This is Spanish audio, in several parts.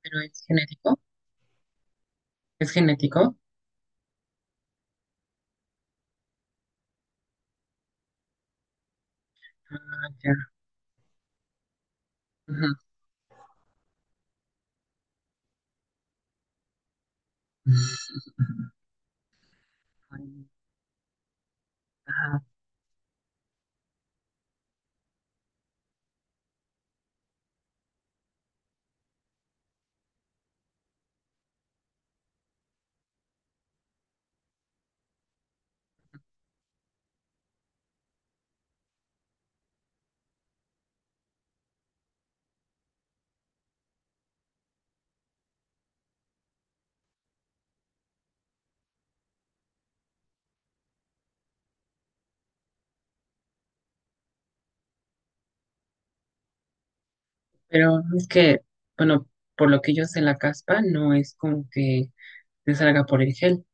Pero es genético. Es genético. Ah, ya. Ujú. Ay, ajá. Pero es que, bueno, por lo que yo sé, la caspa no es como que te salga por el gel,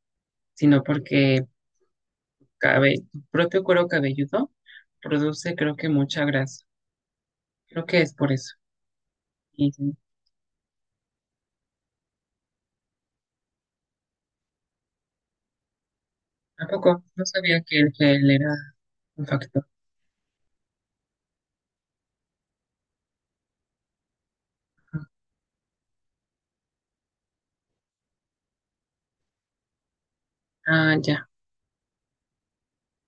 sino porque tu propio cuero cabelludo produce, creo que, mucha grasa. Creo que es por eso. Y tampoco, no sabía que el gel era un factor. Ah, ya.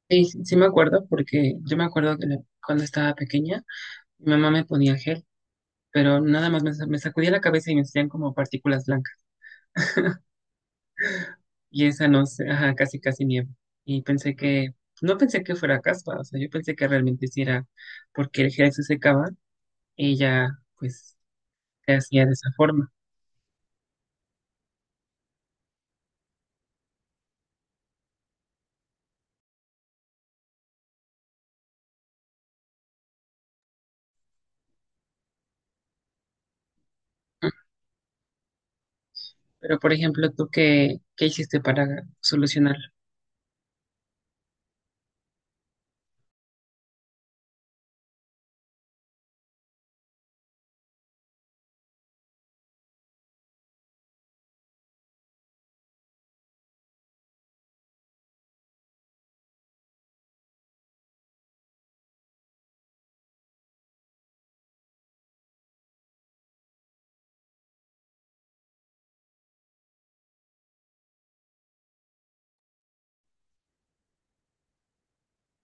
Sí, sí me acuerdo porque yo me acuerdo que cuando estaba pequeña, mi mamá me ponía gel pero nada más me sacudía la cabeza y me salían como partículas blancas. Y esa no sé, ajá, casi casi nieve. Y no pensé que fuera caspa, o sea, yo pensé que realmente sí era porque el gel se secaba y ya, pues, se hacía de esa forma. Ujú. Pero, por ejemplo, ¿ qué hiciste para solucionarlo?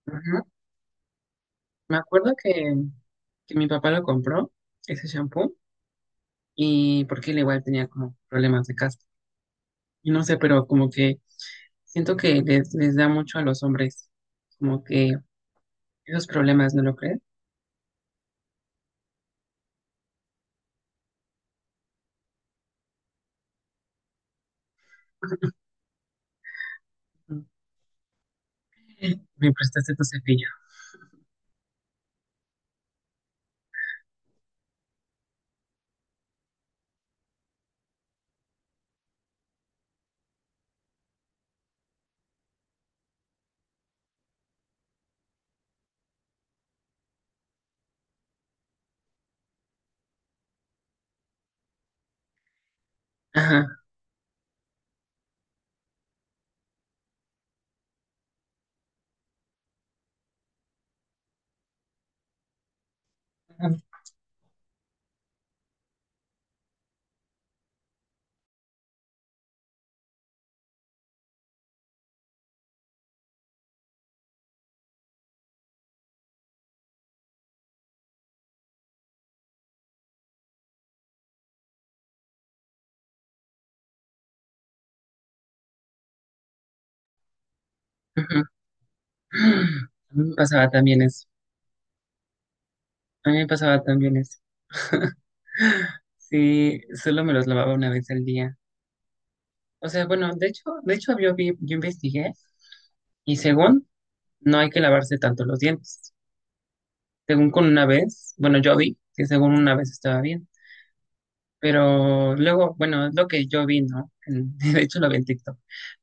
Ujú. Me acuerdo que, que mi papá lo compró, ese shampoo, y porque él igual tenía como problemas de caspa. Y no sé, pero como que siento que les da mucho a los hombres, como que esos problemas, ¿no lo crees? Ujú. Me prestaste tu cepillo. Ajá. Ujú. A mí me pasaba también eso. A mí me pasaba también eso. Sí, solo me los lavaba una vez al día. O sea, bueno, de hecho yo vi, yo investigué y según no hay que lavarse tanto los dientes. Según con una vez, bueno, yo vi que según una vez estaba bien. Pero luego, bueno, es lo que yo vi, ¿no? De hecho, lo vi en TikTok.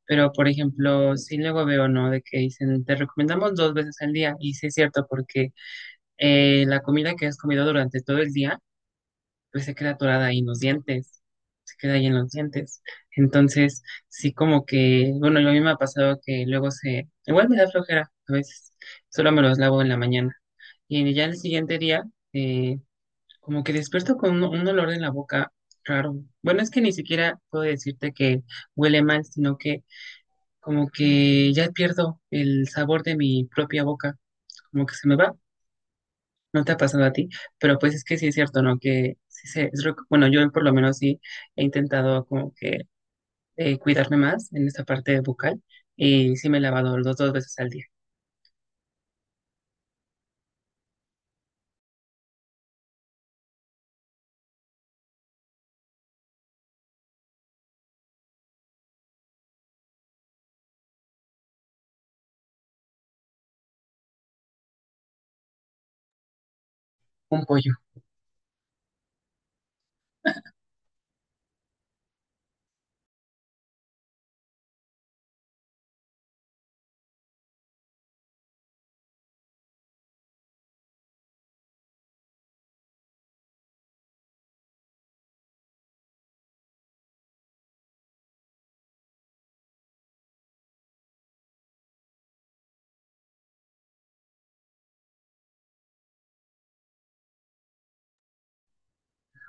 Pero, por ejemplo, sí luego veo, ¿no? De que dicen, te recomendamos dos veces al día. Y sí es cierto, porque la comida que has comido durante todo el día, pues se queda atorada ahí en los dientes. Se queda ahí en los dientes. Entonces, sí como que, bueno, lo mismo ha pasado que igual me da flojera a veces. Solo me los lavo en la mañana. Y ya el siguiente día, eh, como que despierto con un olor en la boca raro. Bueno, es que ni siquiera puedo decirte que huele mal, sino que como que ya pierdo el sabor de mi propia boca, como que se me va. No te ha pasado a ti, pero pues es que sí es cierto, ¿no? Que sí se, es, rec- Bueno, yo por lo menos sí he intentado como que cuidarme más en esta parte bucal y sí me he lavado los dos veces al día. Un pollo.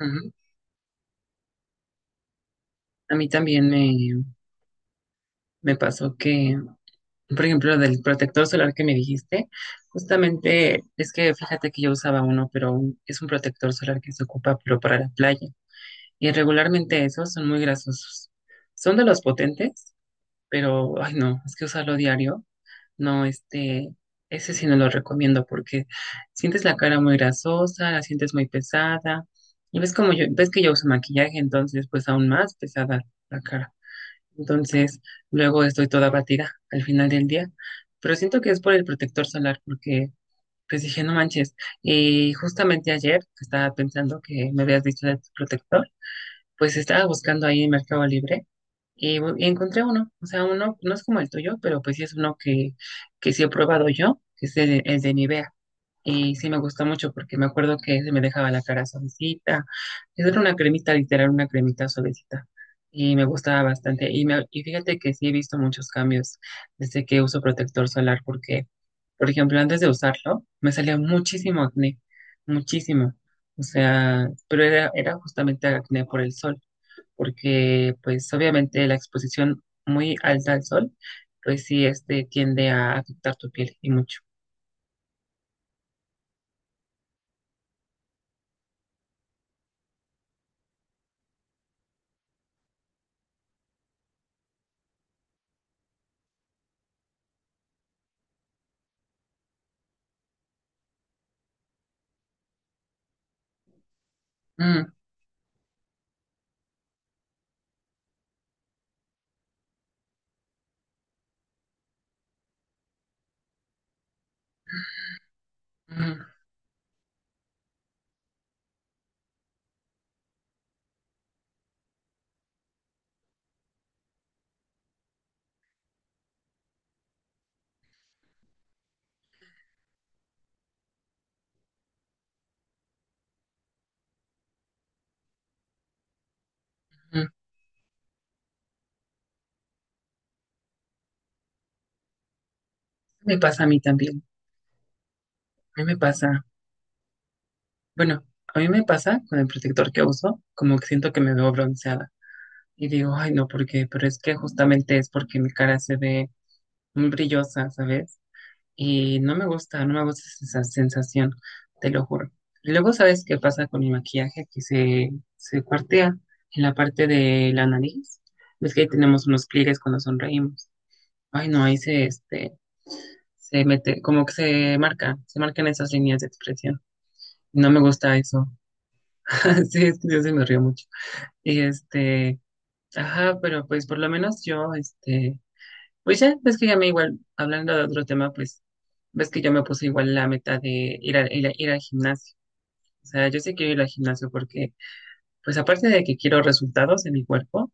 Ujú. A mí también Me pasó que por ejemplo, del protector solar que me dijiste, justamente es que fíjate que yo usaba uno, pero es un protector solar que se ocupa pero para la playa. Y regularmente esos son muy grasosos. Son de los potentes, pero ay no, es que usarlo diario, no, este, ese sí no lo recomiendo porque sientes la cara muy grasosa, la sientes muy pesada. Y ves como yo, ves que yo uso maquillaje, entonces pues aún más pesada la cara. Entonces, luego estoy toda batida al final del día, pero siento que es por el protector solar, porque pues dije, no manches. Y justamente ayer, que estaba pensando que me habías dicho de tu protector, pues estaba buscando ahí en Mercado Libre y y encontré uno. O sea, uno no es como el tuyo, pero pues sí es uno que sí he probado yo, que es el de Nivea. Y sí me gustó mucho porque me acuerdo que se me dejaba la cara suavecita. Esa era una cremita, literal, una cremita suavecita. Y me gustaba bastante. Y fíjate que sí he visto muchos cambios desde que uso protector solar porque, por ejemplo, antes de usarlo, me salía muchísimo acné, muchísimo. O sea, pero era justamente acné por el sol, porque pues obviamente la exposición muy alta al sol, pues sí, este tiende a afectar tu piel y mucho. Mm, mm, mm. Me pasa a mí también. A mí me pasa, bueno, a mí me pasa con el protector que uso, como que siento que me veo bronceada. Y digo, ay, no, ¿por qué? Pero es que justamente es porque mi cara se ve muy brillosa, ¿sabes? Y no me gusta esa sensación, te lo juro. Y luego, ¿sabes qué pasa con mi maquillaje? Se cuartea en la parte de la nariz. Ves que ahí tenemos unos pliegues cuando sonreímos. Ay, no, se mete, como que se marcan esas líneas de expresión. No me gusta eso. Sí, es que yo sí me río mucho. Y este, ajá, pero pues por lo menos yo, este, pues ya, ves que ya me igual, hablando de otro tema, pues, ves que yo me puse igual la meta de ir al gimnasio. O sea, yo sí quiero ir al gimnasio porque, pues aparte de que quiero resultados en mi cuerpo,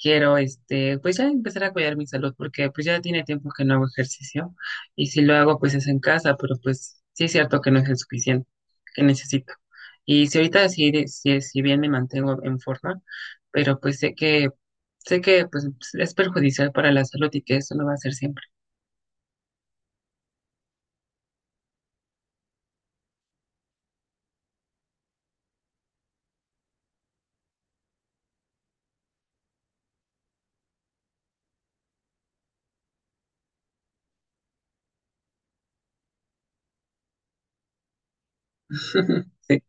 quiero, este, pues ya empezar a cuidar mi salud, porque pues ya tiene tiempo que no hago ejercicio y si lo hago, pues es en casa, pero pues sí es cierto que no es el suficiente que necesito. Y si ahorita si bien me mantengo en forma, pero pues sé que pues es perjudicial para la salud y que eso no va a ser siempre.